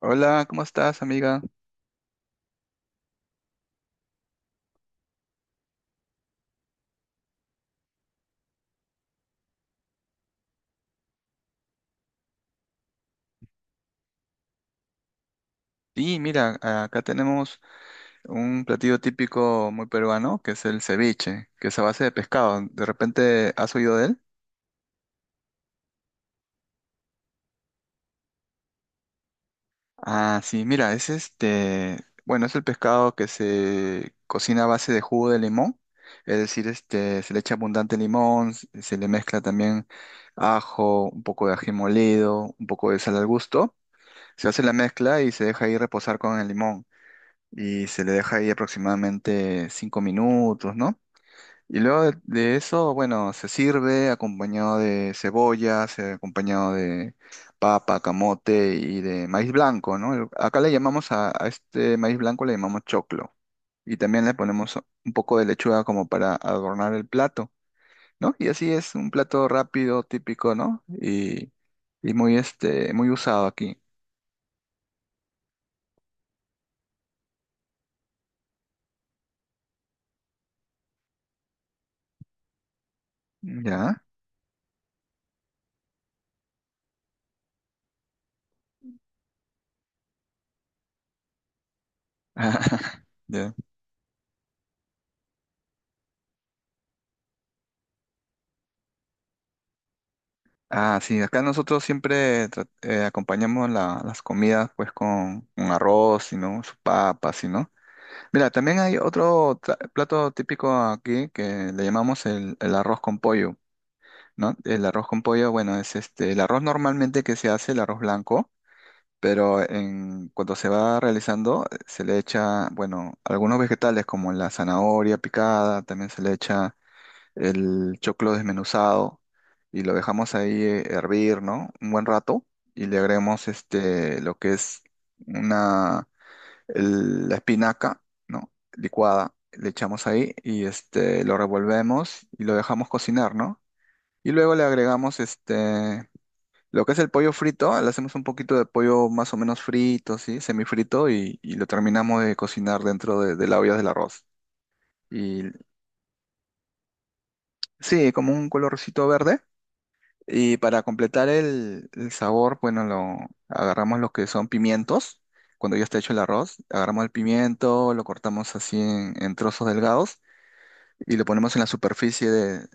Hola, ¿cómo estás, amiga? Sí, mira, acá tenemos un platillo típico muy peruano, que es el ceviche, que es a base de pescado. ¿De repente has oído de él? Ah, sí, mira, es este, bueno, es el pescado que se cocina a base de jugo de limón, es decir, este, se le echa abundante limón, se le mezcla también ajo, un poco de ají molido, un poco de sal al gusto, se hace la mezcla y se deja ahí reposar con el limón, y se le deja ahí aproximadamente 5 minutos, ¿no? Y luego de eso, bueno, se sirve acompañado de cebolla, acompañado de papa, camote y de maíz blanco, ¿no? Acá le llamamos a este maíz blanco, le llamamos choclo. Y también le ponemos un poco de lechuga como para adornar el plato, ¿no? Y así es un plato rápido, típico, ¿no? Y muy usado aquí. ¿Ya? Ya. Ah, sí, acá nosotros siempre acompañamos las comidas pues con arroz, ¿sí?, ¿no? Sus papas, ¿sí?, ¿no? Mira, también hay otro plato típico aquí que le llamamos el arroz con pollo, ¿no? El arroz con pollo, bueno, es este, el arroz normalmente que se hace, el arroz blanco, pero cuando se va realizando se le echa, bueno, algunos vegetales como la zanahoria picada, también se le echa el choclo desmenuzado y lo dejamos ahí hervir, ¿no? Un buen rato y le agregamos este, lo que es una, la espinaca, ¿no? Licuada, le echamos ahí y este, lo revolvemos y lo dejamos cocinar, ¿no? Y luego le agregamos este, lo que es el pollo frito, le hacemos un poquito de pollo más o menos frito, ¿sí? Semifrito y lo terminamos de cocinar dentro de la olla del arroz. Y sí, como un colorcito verde. Y para completar el sabor, bueno, agarramos lo que son pimientos. Cuando ya está hecho el arroz, agarramos el pimiento, lo cortamos así en trozos delgados y lo ponemos en la superficie de-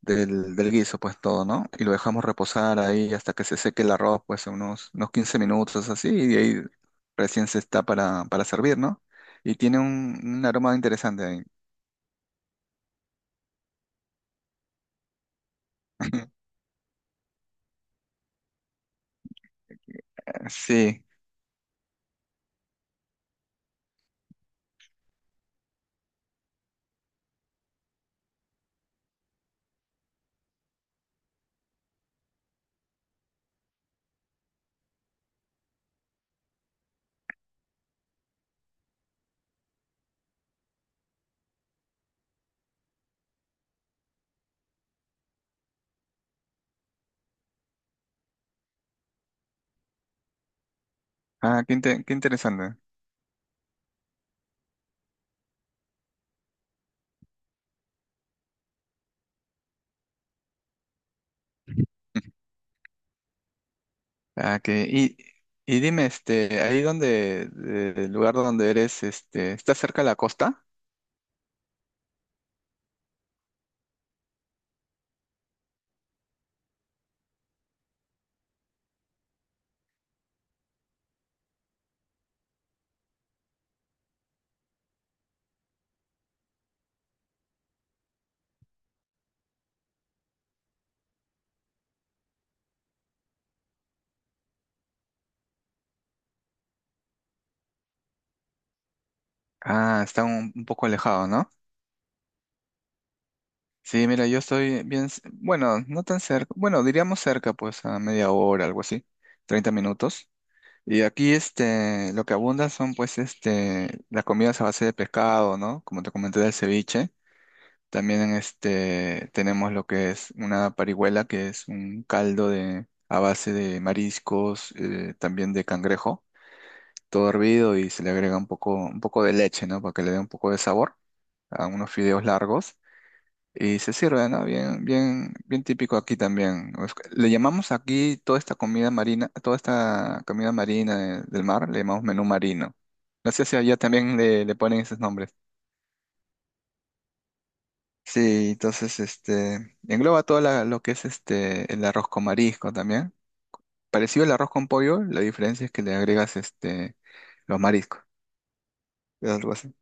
del, del guiso, pues todo, ¿no? Y lo dejamos reposar ahí hasta que se seque el arroz, pues unos 15 minutos así, y de ahí recién se está para servir, ¿no? Y tiene un aroma interesante ahí. Sí. Ah, qué interesante. Ah, y dime, este, ahí donde, el lugar donde eres, este, ¿está cerca de la costa? Ah, está un poco alejado, ¿no? Sí, mira, yo estoy bien, bueno, no tan cerca, bueno, diríamos cerca, pues a media hora, algo así, 30 minutos. Y aquí, este, lo que abunda son, pues, este, las comidas a base de pescado, ¿no? Como te comenté del ceviche. También en este tenemos lo que es una parihuela, que es un caldo a base de mariscos, también de cangrejo, todo hervido y se le agrega un poco de leche, ¿no? Para que le dé un poco de sabor a unos fideos largos y se sirve, ¿no? Bien, bien, bien típico aquí también. Es que le llamamos aquí toda esta comida marina del mar, le llamamos menú marino. No sé si allá también le ponen esos nombres. Sí, entonces este engloba todo lo que es este el arroz con marisco también. Parecido al arroz con pollo, la diferencia es que le agregas este los mariscos, es algo así.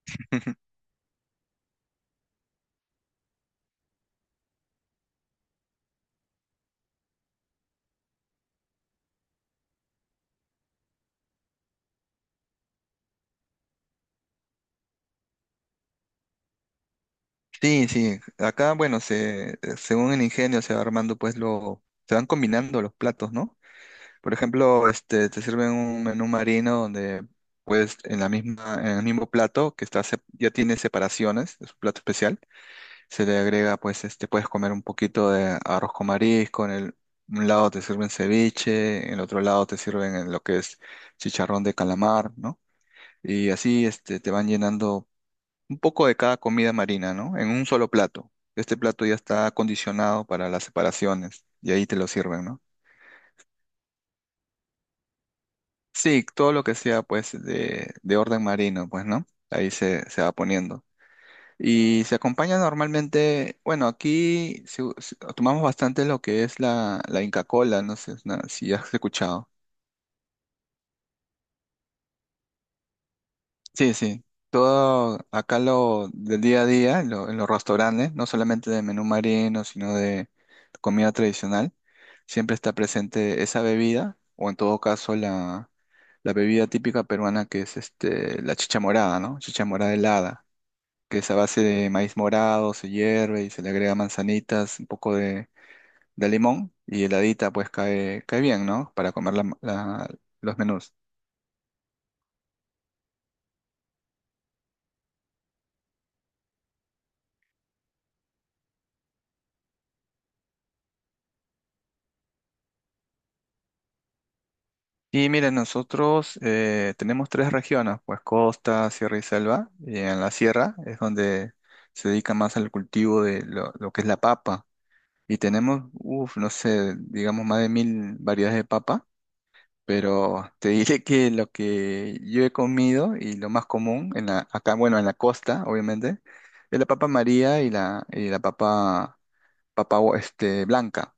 Sí, sí, acá bueno, se según el ingenio se va armando pues lo se van combinando los platos, ¿no? Por ejemplo, este te sirven un menú marino donde pues en la misma en el mismo plato que está ya tiene separaciones, es un plato especial. Se le agrega, pues, este, puedes comer un poquito de arroz con marisco, un lado te sirven ceviche, en el otro lado te sirven en lo que es chicharrón de calamar, ¿no? Y así, este, te van llenando un poco de cada comida marina, ¿no? En un solo plato. Este plato ya está acondicionado para las separaciones y ahí te lo sirven, ¿no? Sí, todo lo que sea, pues, de orden marino, pues, ¿no? Ahí se va poniendo. Y se acompaña normalmente, bueno, aquí tomamos bastante lo que es la Inca Kola, no sé si has escuchado. Sí, sí. Todo acá lo del día a día, en los restaurantes, no solamente de menú marino, sino de comida tradicional, siempre está presente esa bebida, o en todo caso la bebida típica peruana que es este, la chicha morada, ¿no? Chicha morada helada, que es a base de maíz morado, se hierve y se le agrega manzanitas, un poco de limón y heladita, pues cae bien, ¿no? Para comer los menús. Y miren, nosotros tenemos tres regiones, pues costa, sierra y selva. Y en la sierra es donde se dedica más al cultivo de lo que es la papa. Y tenemos, uff, no sé, digamos más de 1000 variedades de papa. Pero te diré que lo que yo he comido y lo más común en acá, bueno, en la costa, obviamente, es la papa María y la papa, este, blanca.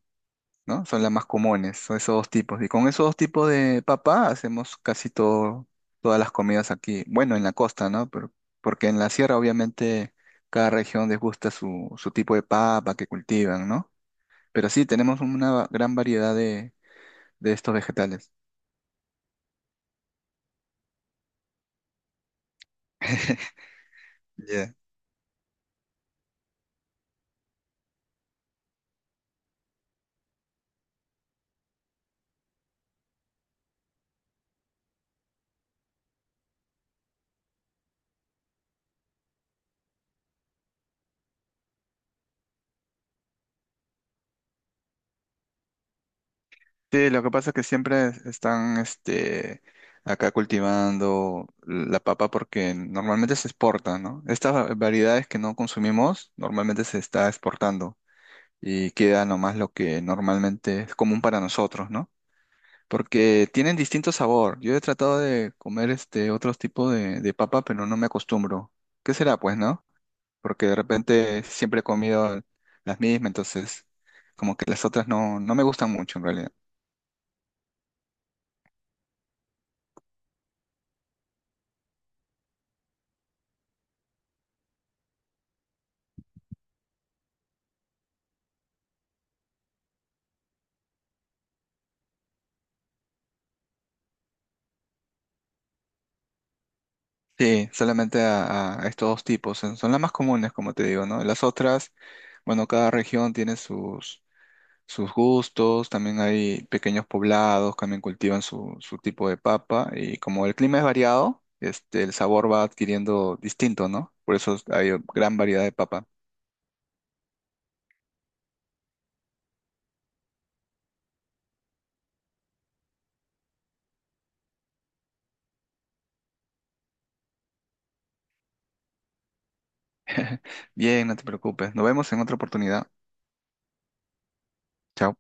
¿No? Son las más comunes, son esos dos tipos. Y con esos dos tipos de papa hacemos casi todo, todas las comidas aquí. Bueno, en la costa, ¿no? Pero, porque en la sierra, obviamente, cada región les gusta su tipo de papa que cultivan, ¿no? Pero sí, tenemos una gran variedad de estos vegetales. Ya. Sí, lo que pasa es que siempre están, este, acá cultivando la papa porque normalmente se exporta, ¿no? Estas variedades que no consumimos normalmente se está exportando. Y queda nomás lo que normalmente es común para nosotros, ¿no? Porque tienen distinto sabor. Yo he tratado de comer este otros tipos de papa, pero no me acostumbro. ¿Qué será, pues, no? Porque de repente siempre he comido las mismas, entonces como que las otras no, no me gustan mucho en realidad. Sí, solamente a estos dos tipos. Son las más comunes, como te digo, ¿no? Las otras, bueno, cada región tiene sus gustos, también hay pequeños poblados, también cultivan su tipo de papa y como el clima es variado, este, el sabor va adquiriendo distinto, ¿no? Por eso hay gran variedad de papa. Bien, no te preocupes. Nos vemos en otra oportunidad. Chao.